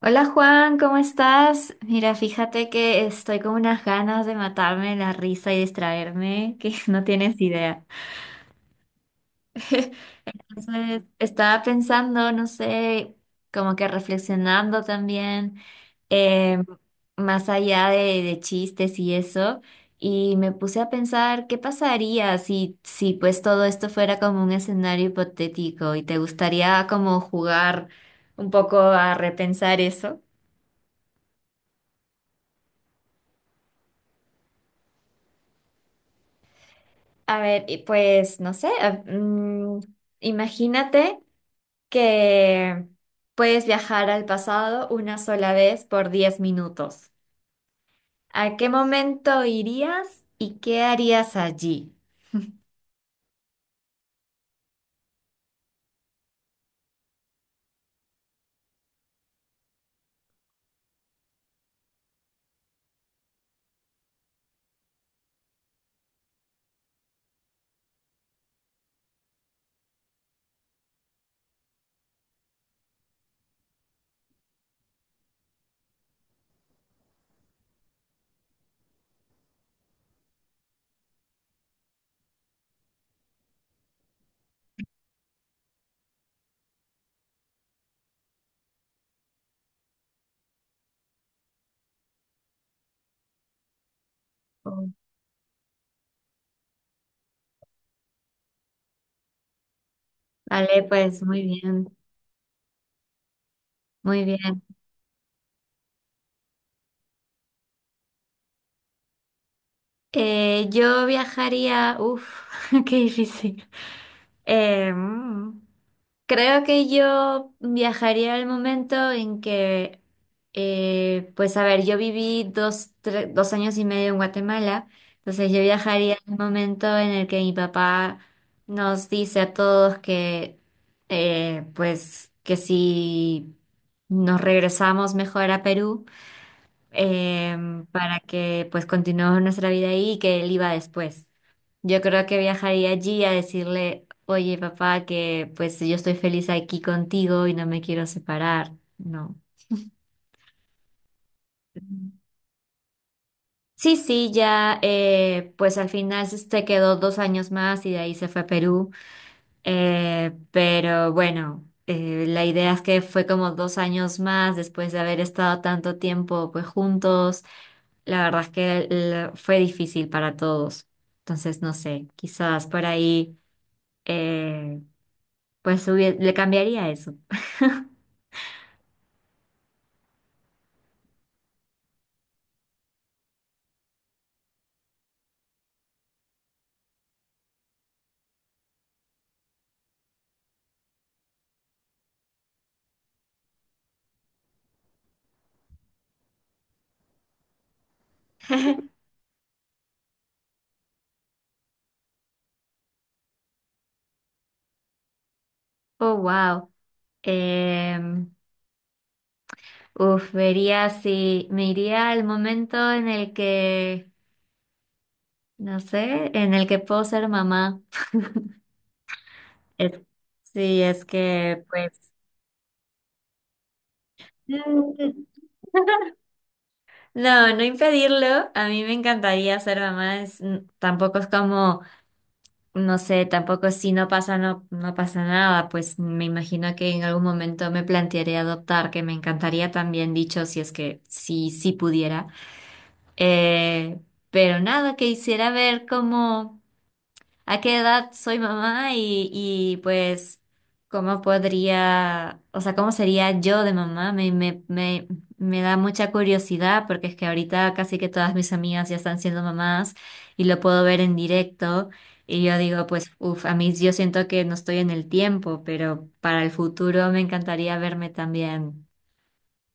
Hola Juan, ¿cómo estás? Mira, fíjate que estoy con unas ganas de matarme la risa y distraerme, que no tienes idea. Entonces, estaba pensando, no sé, como que reflexionando también, eh, más allá de chistes y eso, y me puse a pensar qué pasaría si pues todo esto fuera como un escenario hipotético y te gustaría como jugar un poco a repensar eso. A ver, y pues no sé, imagínate que puedes viajar al pasado una sola vez por 10 minutos. ¿A qué momento irías y qué harías allí? Oh. Vale, pues muy bien, muy bien. Yo viajaría, qué difícil. Em, Creo que yo viajaría al momento en que, pues a ver, yo viví dos años y medio en Guatemala, entonces yo viajaría al momento en el que mi papá nos dice a todos que, pues que si nos regresamos mejor a Perú para que pues continuemos nuestra vida ahí y que él iba después. Yo creo que viajaría allí a decirle, oye papá, que pues yo estoy feliz aquí contigo y no me quiero separar. No. Ujú. Sí, sí, ya pues al final se quedó 2 años más y de ahí se fue a Perú. Pero bueno, la idea es que fue como 2 años más después de haber estado tanto tiempo pues juntos. La verdad es que fue difícil para todos. Entonces, no sé, quizás por ahí, eh, pues le cambiaría eso. Oh, wow. Em, vería si me iría al momento en el que, no sé, en el que puedo ser mamá. Es- sí, es que, pues... No, no impedirlo. A mí me encantaría ser mamá. Tampoco es como... No sé, tampoco si no pasa, no, no pasa nada, pues me imagino que en algún momento me plantearé adoptar, que me encantaría también, dicho, si es que sí pudiera. Eh, pero nada, que hiciera ver cómo a qué edad soy mamá y pues cómo podría, o sea, cómo sería yo de mamá, me da mucha curiosidad porque es que ahorita casi que todas mis amigas ya están siendo mamás y lo puedo ver en directo y yo digo, pues, a mí yo siento que no estoy en el tiempo, pero para el futuro me encantaría verme también,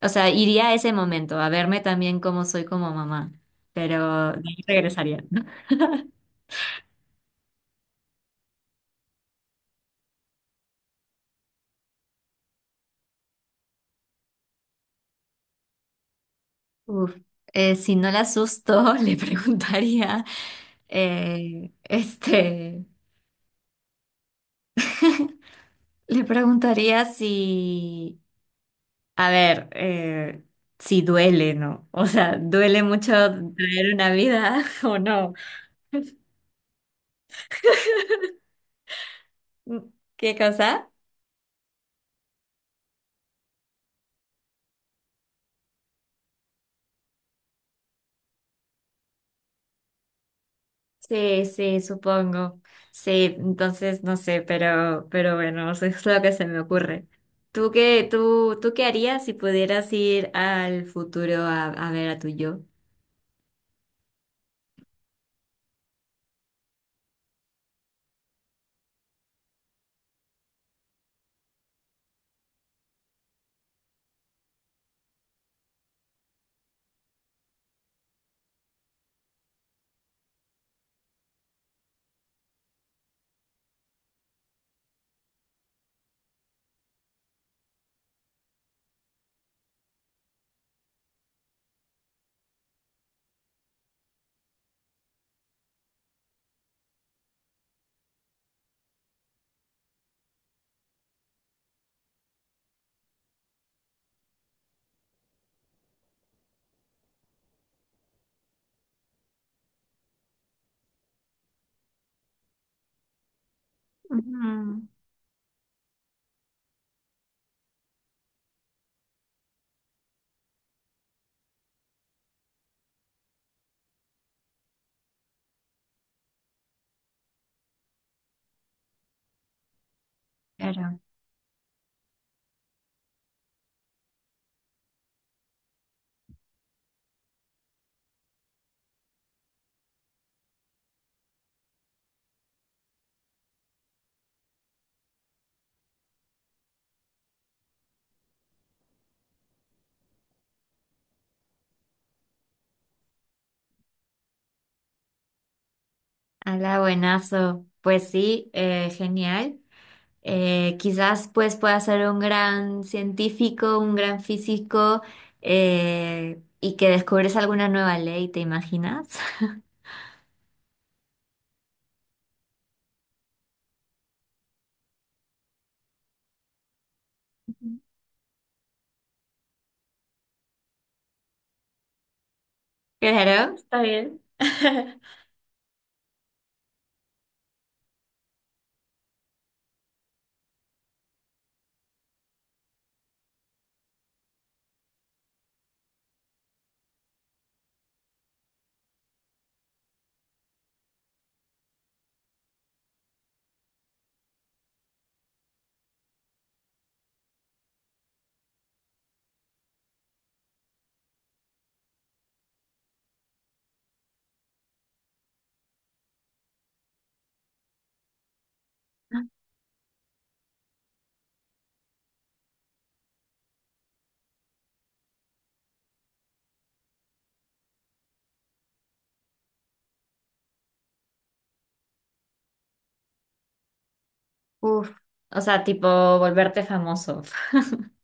o sea, iría a ese momento, a verme también cómo soy como mamá, pero de ahí regresaría. ¿No? Uf, si no la asusto, eh, este, le preguntaría si, a ver, si duele, ¿no? O sea, ¿duele mucho traer una vida o no? Mm, ¿Qué cosa? Sí, sí, supongo. Sí, entonces no sé, pero bueno, eso es lo que se me ocurre. ¿Tú qué harías si pudieras ir al futuro a ver a tu yo? Ujú, claro. Hola, buenazo. Pues sí, genial. Quizás pues pueda ser un gran científico, un gran físico y que descubres alguna nueva ley, ¿te imaginas? Claro, está bien. Uf, o sea, tipo volverte famoso,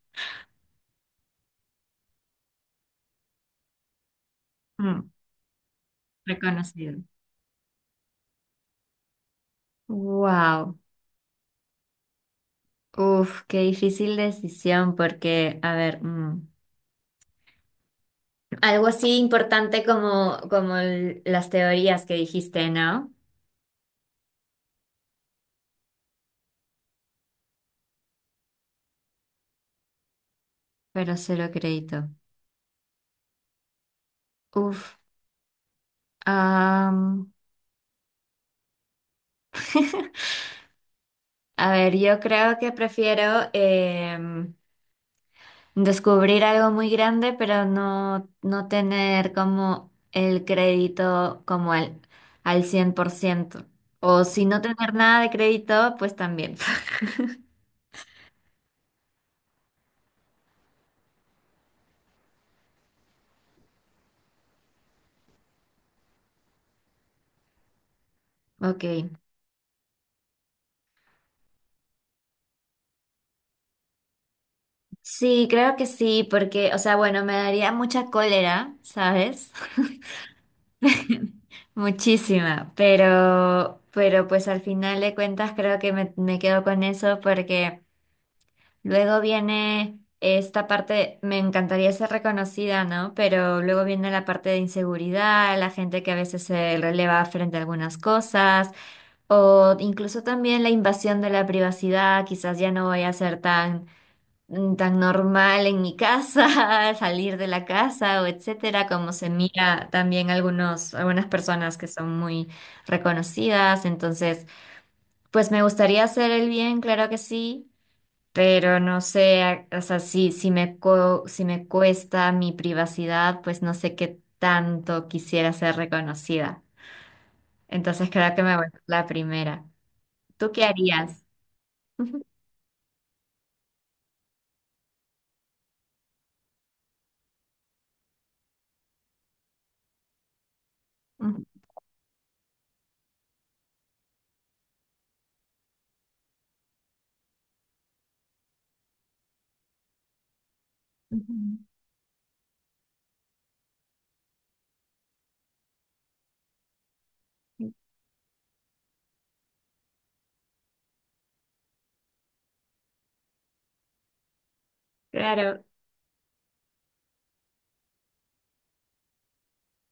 Mm, reconocido. Wow, qué difícil decisión porque, a ver. Algo así importante como las teorías que dijiste, ¿no? Pero cero crédito. Uf. am, a ver, yo creo que prefiero descubrir algo muy grande, pero no, no tener como el crédito como al 100%. O si no tener nada de crédito, pues también. Ok. Sí, creo que sí, porque, o sea, bueno, me daría mucha cólera, ¿sabes? Muchísima, pero pues al final de cuentas creo que me quedo con eso porque luego viene esta parte, me encantaría ser reconocida, ¿no? Pero luego viene la parte de inseguridad, la gente que a veces se releva frente a algunas cosas, o incluso también la invasión de la privacidad, quizás ya no voy a ser tan normal en mi casa, salir de la casa o etcétera, como se mira también algunas personas que son muy reconocidas. Entonces, pues me gustaría hacer el bien, claro que sí, pero no sé, o sea, si me cuesta mi privacidad, pues no sé qué tanto quisiera ser reconocida. Entonces, creo que me voy por la primera. ¿Tú qué harías? Ujú, ujú. Claro,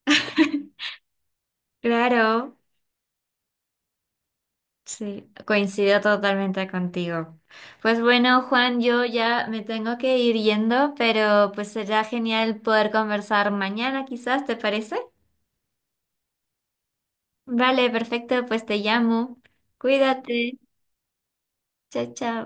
claro. Sí, coincido totalmente contigo. Pues bueno, Juan, yo ya me tengo que ir yendo, pero pues será genial poder conversar mañana, quizás, ¿te parece? Vale, perfecto, pues te llamo. Cuídate. Chao, chao.